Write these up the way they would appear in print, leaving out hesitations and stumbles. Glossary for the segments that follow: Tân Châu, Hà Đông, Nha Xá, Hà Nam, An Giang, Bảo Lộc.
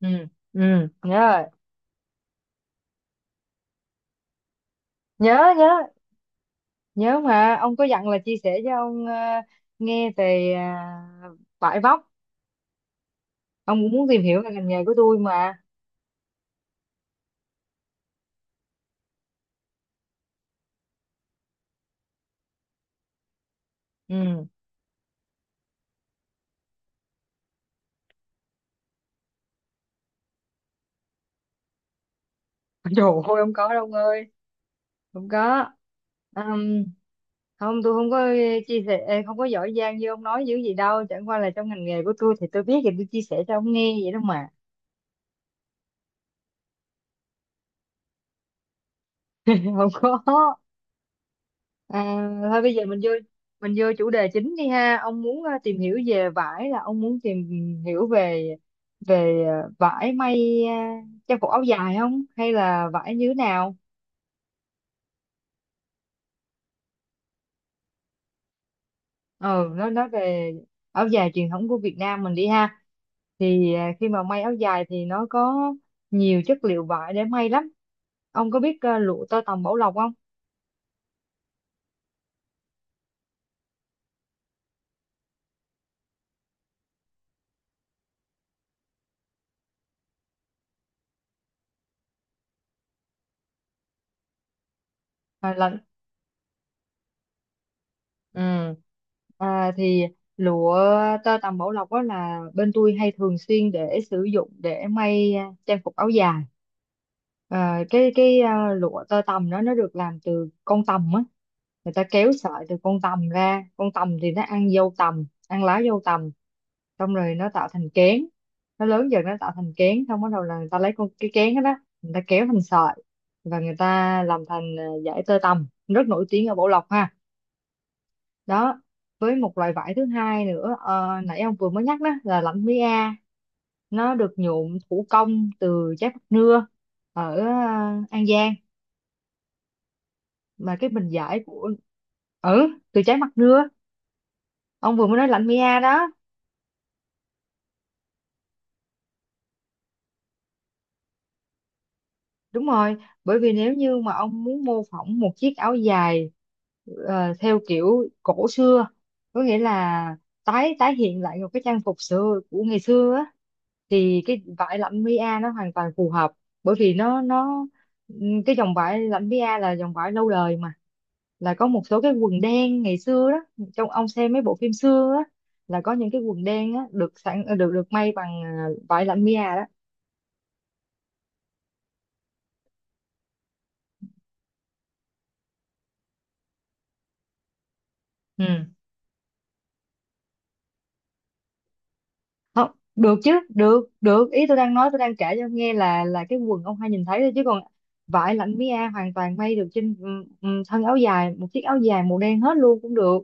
Ừ, ừ, nhớ rồi. Nhớ, nhớ. Nhớ mà ông có dặn là chia sẻ cho ông nghe về vải vóc. Ông cũng muốn tìm hiểu về ngành nghề của tôi mà. Ừ. Trời ơi, không có đâu ông ơi, không có. Ừm, Không, tôi không có chia sẻ, không có giỏi giang như ông nói dữ gì đâu, chẳng qua là trong ngành nghề của tôi thì tôi biết thì tôi chia sẻ cho ông nghe vậy đó mà. Không có. À, Thôi bây giờ mình vô chủ đề chính đi ha. Ông muốn tìm hiểu về vải, là ông muốn tìm hiểu về về ờ, vải may trang phục áo dài, không, hay là vải như thế nào? Ừ, nó nói về áo dài truyền thống của Việt Nam mình đi ha. Thì khi mà may áo dài thì nó có nhiều chất liệu vải để may lắm. Ông có biết lụa tơ tằm Bảo Lộc không? À, là ừ. Thì lụa tơ tằm Bảo Lộc đó là bên tôi hay thường xuyên để sử dụng để may trang phục áo dài. Lụa tơ tằm đó nó được làm từ con tằm á, người ta kéo sợi từ con tằm ra, con tằm thì nó ăn dâu tằm, ăn lá dâu tằm, xong rồi nó tạo thành kén, nó lớn dần nó tạo thành kén, xong bắt đầu là người ta lấy con cái kén đó. Người ta kéo thành sợi và người ta làm thành dải tơ tằm rất nổi tiếng ở Bảo Lộc ha. Đó. Với một loại vải thứ hai nữa, nãy ông vừa mới nhắc đó, là lạnh mía A, nó được nhuộm thủ công từ trái bắp nưa ở An Giang, mà cái bình vải của... Ừ, từ trái mặt nưa, ông vừa mới nói lạnh mía đó. Đúng rồi, bởi vì nếu như mà ông muốn mô phỏng một chiếc áo dài theo kiểu cổ xưa, có nghĩa là tái tái hiện lại một cái trang phục xưa của ngày xưa á, thì cái vải lẫm Mỹ a nó hoàn toàn phù hợp, bởi vì ừ, cái dòng vải lẫm Mỹ a là dòng vải lâu đời mà, là có một số cái quần đen ngày xưa đó, trong ông xem mấy bộ phim xưa á, là có những cái quần đen á được sẵn được được may bằng vải lạnh a đó. ừ Không, được chứ, được, ý tôi đang nói, tôi đang kể cho nghe là cái quần ông hay nhìn thấy thôi chứ còn vải lạnh mia hoàn toàn may được trên thân áo dài, một chiếc áo dài màu đen hết luôn cũng được.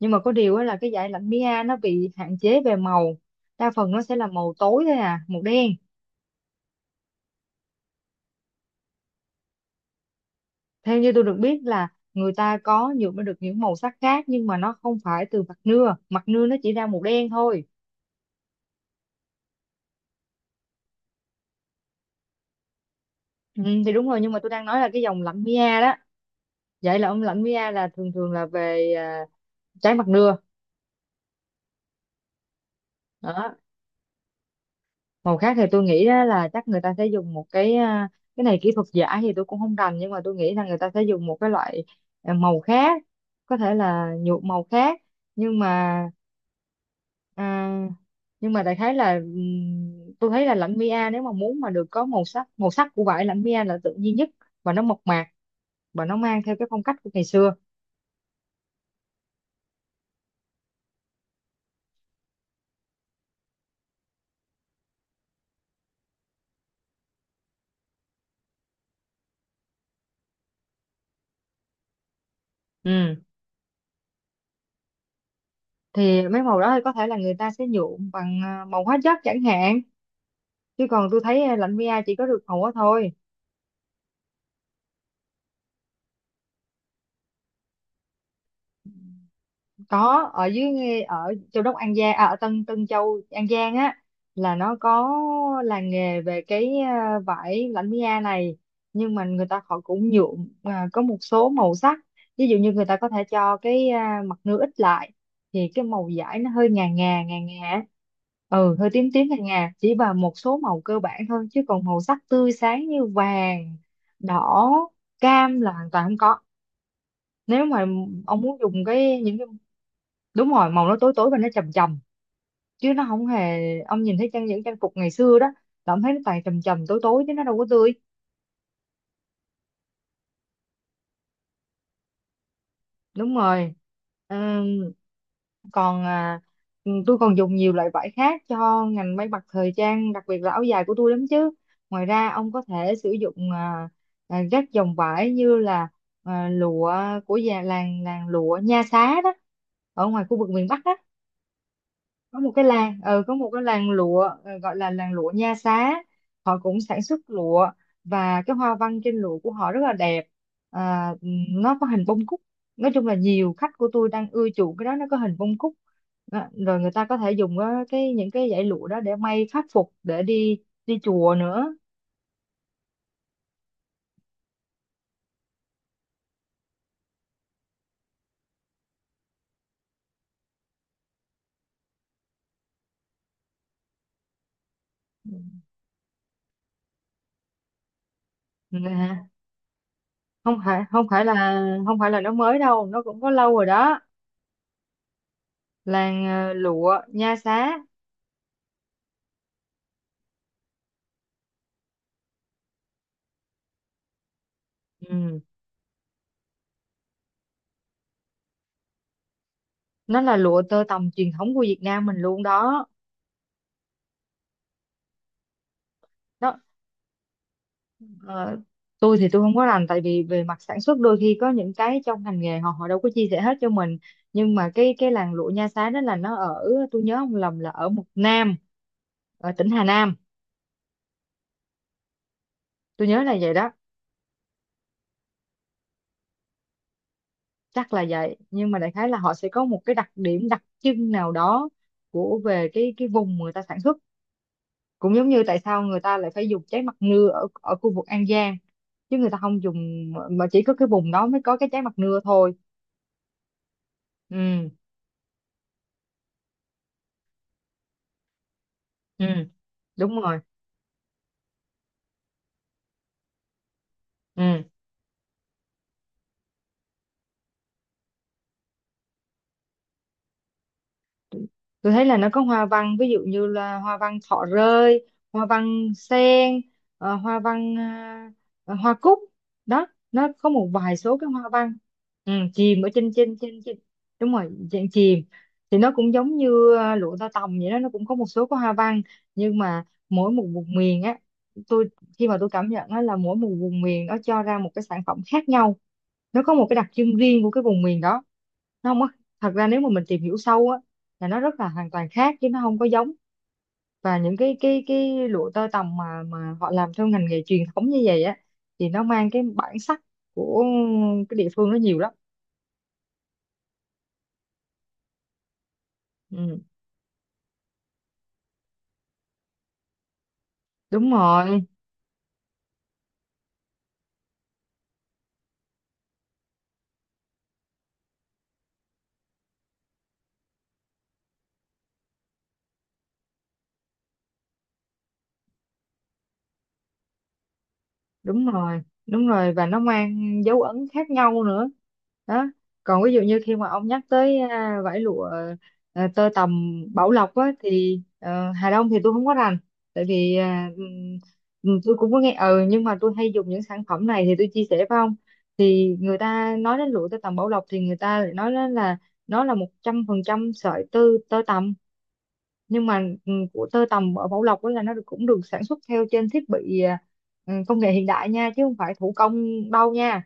Nhưng mà có điều á là cái dải lạnh Mia nó bị hạn chế về màu, đa phần nó sẽ là màu tối thôi, màu đen. Theo như tôi được biết là người ta có nhuộm được những màu sắc khác, nhưng mà nó không phải từ mặt nưa, mặt nưa nó chỉ ra màu đen thôi. Ừ, thì đúng rồi, nhưng mà tôi đang nói là cái dòng lạnh Mia đó. Vậy là ông, lạnh Mia là thường thường là về trái mặt nưa. Đó. Màu khác thì tôi nghĩ đó là chắc người ta sẽ dùng một cái, cái này kỹ thuật giả thì tôi cũng không rành, nhưng mà tôi nghĩ là người ta sẽ dùng một cái loại màu khác, có thể là nhuộm màu khác, nhưng mà à, nhưng mà đại khái là, tôi thấy là lãnh Mia nếu mà muốn mà được có màu sắc, màu sắc của vải lãnh Mia là tự nhiên nhất, và nó mộc mạc, và nó mang theo cái phong cách của ngày xưa. Ừ. Thì mấy màu đó thì có thể là người ta sẽ nhuộm bằng màu hóa chất chẳng hạn, chứ còn tôi thấy lãnh Mia chỉ có được màu đó thôi. Có, ở dưới ở Châu Đốc An Giang, ở Tân Tân Châu An Giang á, là nó có làng nghề về cái vải lãnh mi a này. Nhưng mà người ta họ cũng nhuộm có một số màu sắc, ví dụ như người ta có thể cho cái mặt nưa ít lại thì cái màu vải nó hơi ngà ngà á. Ừ, hơi tím tím ngà ngà, chỉ vào một số màu cơ bản thôi, chứ còn màu sắc tươi sáng như vàng, đỏ, cam là hoàn toàn không có. Nếu mà ông muốn dùng cái những cái... Đúng rồi, màu nó tối tối và nó trầm trầm, chứ nó không hề. Ông nhìn thấy trang những trang phục ngày xưa đó là ông thấy nó toàn trầm trầm tối tối chứ nó đâu có tươi. Đúng rồi. Ừm, Còn tôi còn dùng nhiều loại vải khác cho ngành may mặc thời trang, đặc biệt là áo dài của tôi lắm chứ. Ngoài ra ông có thể sử dụng các dòng vải như là lụa của già làng, làng lụa Nha Xá đó, ở ngoài khu vực miền Bắc đó. Có một cái làng, có một cái làng lụa gọi là làng lụa Nha Xá. Họ cũng sản xuất lụa, và cái hoa văn trên lụa của họ rất là đẹp. à, nó có hình bông cúc, nói chung là nhiều khách của tôi đang ưa chuộng cái đó, nó có hình bông cúc đó. Rồi người ta có thể dùng cái những cái dải lụa đó để may pháp phục để đi đi chùa nữa. Nè. Không phải, không phải là nó mới đâu, nó cũng có lâu rồi đó, làng lụa Nha Xá. Ừ. Nó là lụa tơ tằm truyền thống của Việt Nam mình luôn đó. Đó. ờ, tôi thì tôi không có rành, tại vì về mặt sản xuất đôi khi có những cái trong ngành nghề họ họ đâu có chia sẻ hết cho mình. Nhưng mà cái làng lụa Nha Xá đó là nó ở, tôi nhớ không lầm là ở một Nam, ở tỉnh Hà Nam, tôi nhớ là vậy đó. Chắc là vậy, nhưng mà đại khái là họ sẽ có một cái đặc điểm đặc trưng nào đó, của, về cái vùng người ta sản xuất. Cũng giống như tại sao người ta lại phải dùng trái mặt nưa ở ở khu vực An Giang, chứ người ta không dùng, mà chỉ có cái vùng đó mới có cái trái mặt nưa thôi. Ừ. Ừ, đúng rồi. Ừ, tôi thấy là nó có hoa văn, ví dụ như là hoa văn thọ rơi, hoa văn sen, hoa văn, hoa cúc đó, nó có một vài số cái hoa văn. Chìm ở trên, trên trên trên đúng rồi, dạng chìm. Thì nó cũng giống như lụa tơ tằm vậy đó, nó cũng có một số cái hoa văn. Nhưng mà mỗi một vùng miền á, tôi, khi mà tôi cảm nhận á, là mỗi một vùng miền nó cho ra một cái sản phẩm khác nhau, nó có một cái đặc trưng riêng của cái vùng miền đó, nó không có... Thật ra nếu mà mình tìm hiểu sâu á là nó rất là hoàn toàn khác chứ nó không có giống. Và những cái lụa tơ tằm mà họ làm theo ngành nghề truyền thống như vậy á, thì nó mang cái bản sắc của cái địa phương nó nhiều lắm. ừ, Đúng rồi, đúng rồi, đúng rồi, và nó mang dấu ấn khác nhau nữa. Đó. Còn ví dụ như khi mà ông nhắc tới vải lụa tơ tằm Bảo Lộc á, thì Hà Đông thì tôi không có rành, tại vì tôi cũng có nghe, ừ, nhưng mà tôi hay dùng những sản phẩm này thì tôi chia sẻ với ông. Thì người ta nói đến lụa tơ tằm Bảo Lộc thì người ta lại nói đến là nó là 100% sợi tơ, tơ tằm. Nhưng mà của tơ tằm ở Bảo Lộc đó là nó được- cũng được sản xuất theo trên thiết bị, công nghệ hiện đại nha, chứ không phải thủ công đâu nha.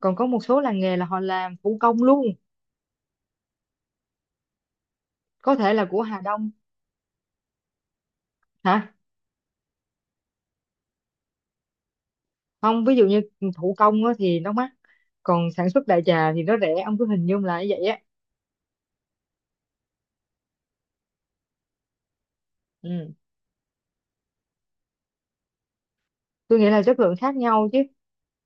Còn có một số làng nghề là họ làm thủ công luôn, có thể là của Hà Đông. Hả? Không, ví dụ như thủ công á thì nó mắc, còn sản xuất đại trà thì nó rẻ, ông cứ hình dung là như vậy á. Ừ, tôi nghĩ là chất lượng khác nhau chứ.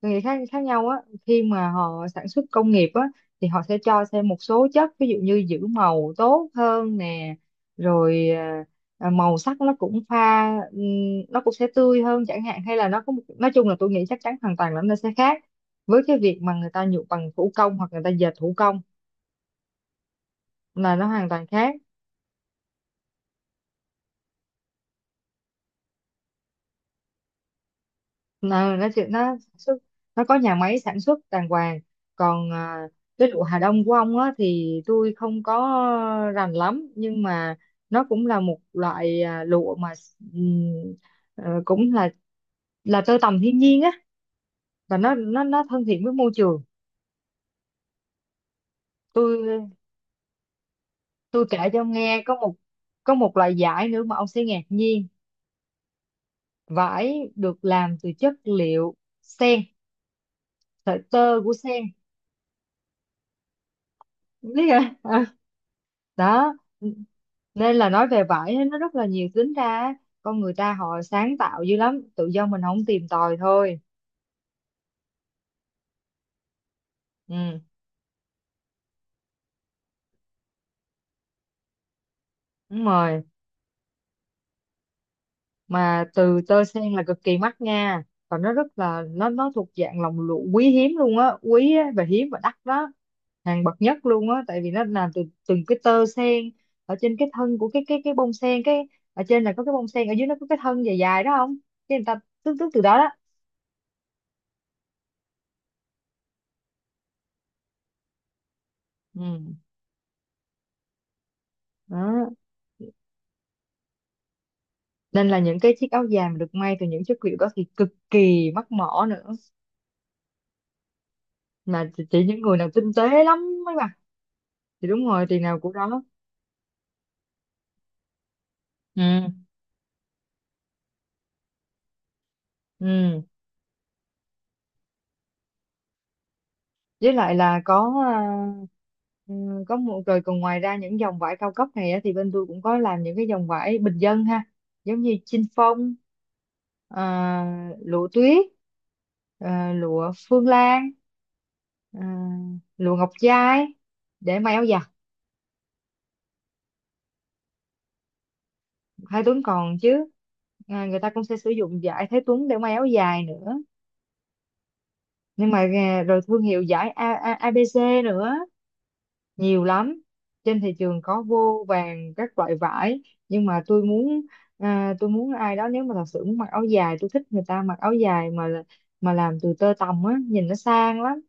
Tôi nghĩ khác khác nhau á. Khi mà họ sản xuất công nghiệp á thì họ sẽ cho thêm một số chất, ví dụ như giữ màu tốt hơn nè, rồi màu sắc nó cũng pha, nó cũng sẽ tươi hơn chẳng hạn, hay là nó có một, nói chung là tôi nghĩ chắc chắn hoàn toàn là nó sẽ khác với cái việc mà người ta nhuộm bằng thủ công hoặc người ta dệt thủ công, là nó hoàn toàn khác. Nó sản xuất, nó có nhà máy sản xuất đàng hoàng. Còn cái lụa Hà Đông của ông á thì tôi không có rành lắm, nhưng mà nó cũng là một loại lụa mà, ừm, cũng là tơ tằm thiên nhiên á, và nó thân thiện với môi trường. Tôi tôi kể cho ông nghe, có một, có một loại vải nữa mà ông sẽ ngạc nhiên, vải được làm từ chất liệu sen, sợi tơ của sen. Biết hả? Ờ, Đó. Nên là nói về vải á, nó rất là nhiều, tính ra á, con người ta họ sáng tạo dữ lắm, tự do mình không tìm tòi thôi. Ừ, đúng rồi. Mà từ tơ sen là cực kỳ mắc nha, và nó rất là, nó thuộc dạng lòng lụa quý hiếm luôn á, quý á, và hiếm và đắt đó, hàng bậc nhất luôn á, tại vì nó làm từ từng cái tơ sen ở trên cái thân của cái bông sen. Cái ở trên là có cái bông sen, ở dưới nó có cái thân dài dài đó không, cái người ta tước, tước từ đó đó. Ừ, đó. Nên là những cái chiếc áo dài mà được may từ những chất liệu đó thì cực kỳ mắc mỏ nữa, mà chỉ những người nào tinh tế lắm mới mặc. Thì đúng rồi, tiền nào của đó. Ừ. Ừ, với lại là có ừ, có một, rồi còn ngoài ra những dòng vải cao cấp này á, thì bên tôi cũng có làm những cái dòng vải bình dân ha, giống như chinh phong, lụa tuyết, lụa phương lan, à, lụa ngọc trai, để may áo dài. Thái Tuấn còn chứ. Người ta cũng sẽ sử dụng vải Thái Tuấn để may áo dài nữa, nhưng mà rồi thương hiệu vải ABC nữa, nhiều lắm, trên thị trường có vô vàn các loại vải. Nhưng mà tôi muốn, tôi muốn ai đó, nếu mà thật sự muốn mặc áo dài, tôi thích người ta mặc áo dài mà làm từ tơ tằm á, nhìn nó sang lắm.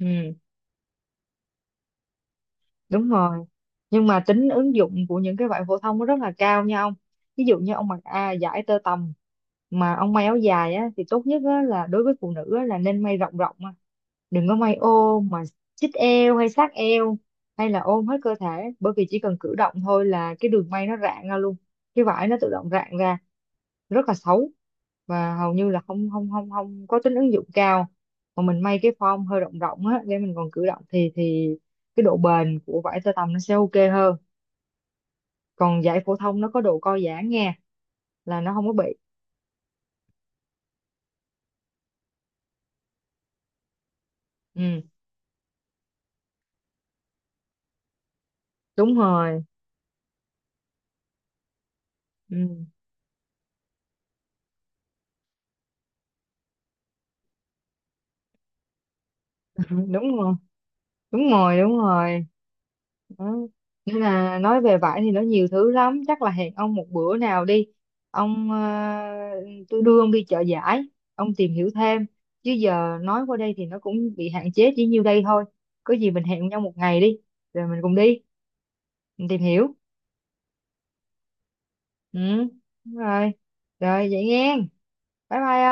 Ừ. Đúng rồi. Nhưng mà tính ứng dụng của những cái bạn phổ thông nó rất là cao nha ông. Ví dụ như ông mặc vải tơ tằm mà ông may áo dài á, thì tốt nhất á, là đối với phụ nữ á, là nên may rộng rộng á. Đừng có may ô mà chít eo hay sát eo, hay là ôm hết cơ thể, bởi vì chỉ cần cử động thôi là cái đường may nó rạn ra luôn, cái vải nó tự động rạn ra, rất là xấu, và hầu như là không không không không có tính ứng dụng cao. Mà mình may cái form hơi rộng rộng á để mình còn cử động thì cái độ bền của vải tơ tằm nó sẽ ok hơn. Còn vải phổ thông nó có độ co giãn nha, là nó không có bị. Ừ, đúng rồi. Ừ. Đúng rồi, đúng rồi. Đó. Nên là nói về vải thì nó nhiều thứ lắm, chắc là hẹn ông một bữa nào đi. Ông tôi đưa ông đi chợ giải, ông tìm hiểu thêm, chứ giờ nói qua đây thì nó cũng bị hạn chế chỉ nhiêu đây thôi. Có gì mình hẹn nhau một ngày đi, rồi mình cùng đi, mình tìm hiểu. Ừ, đúng rồi. Rồi vậy nghe, bye bye.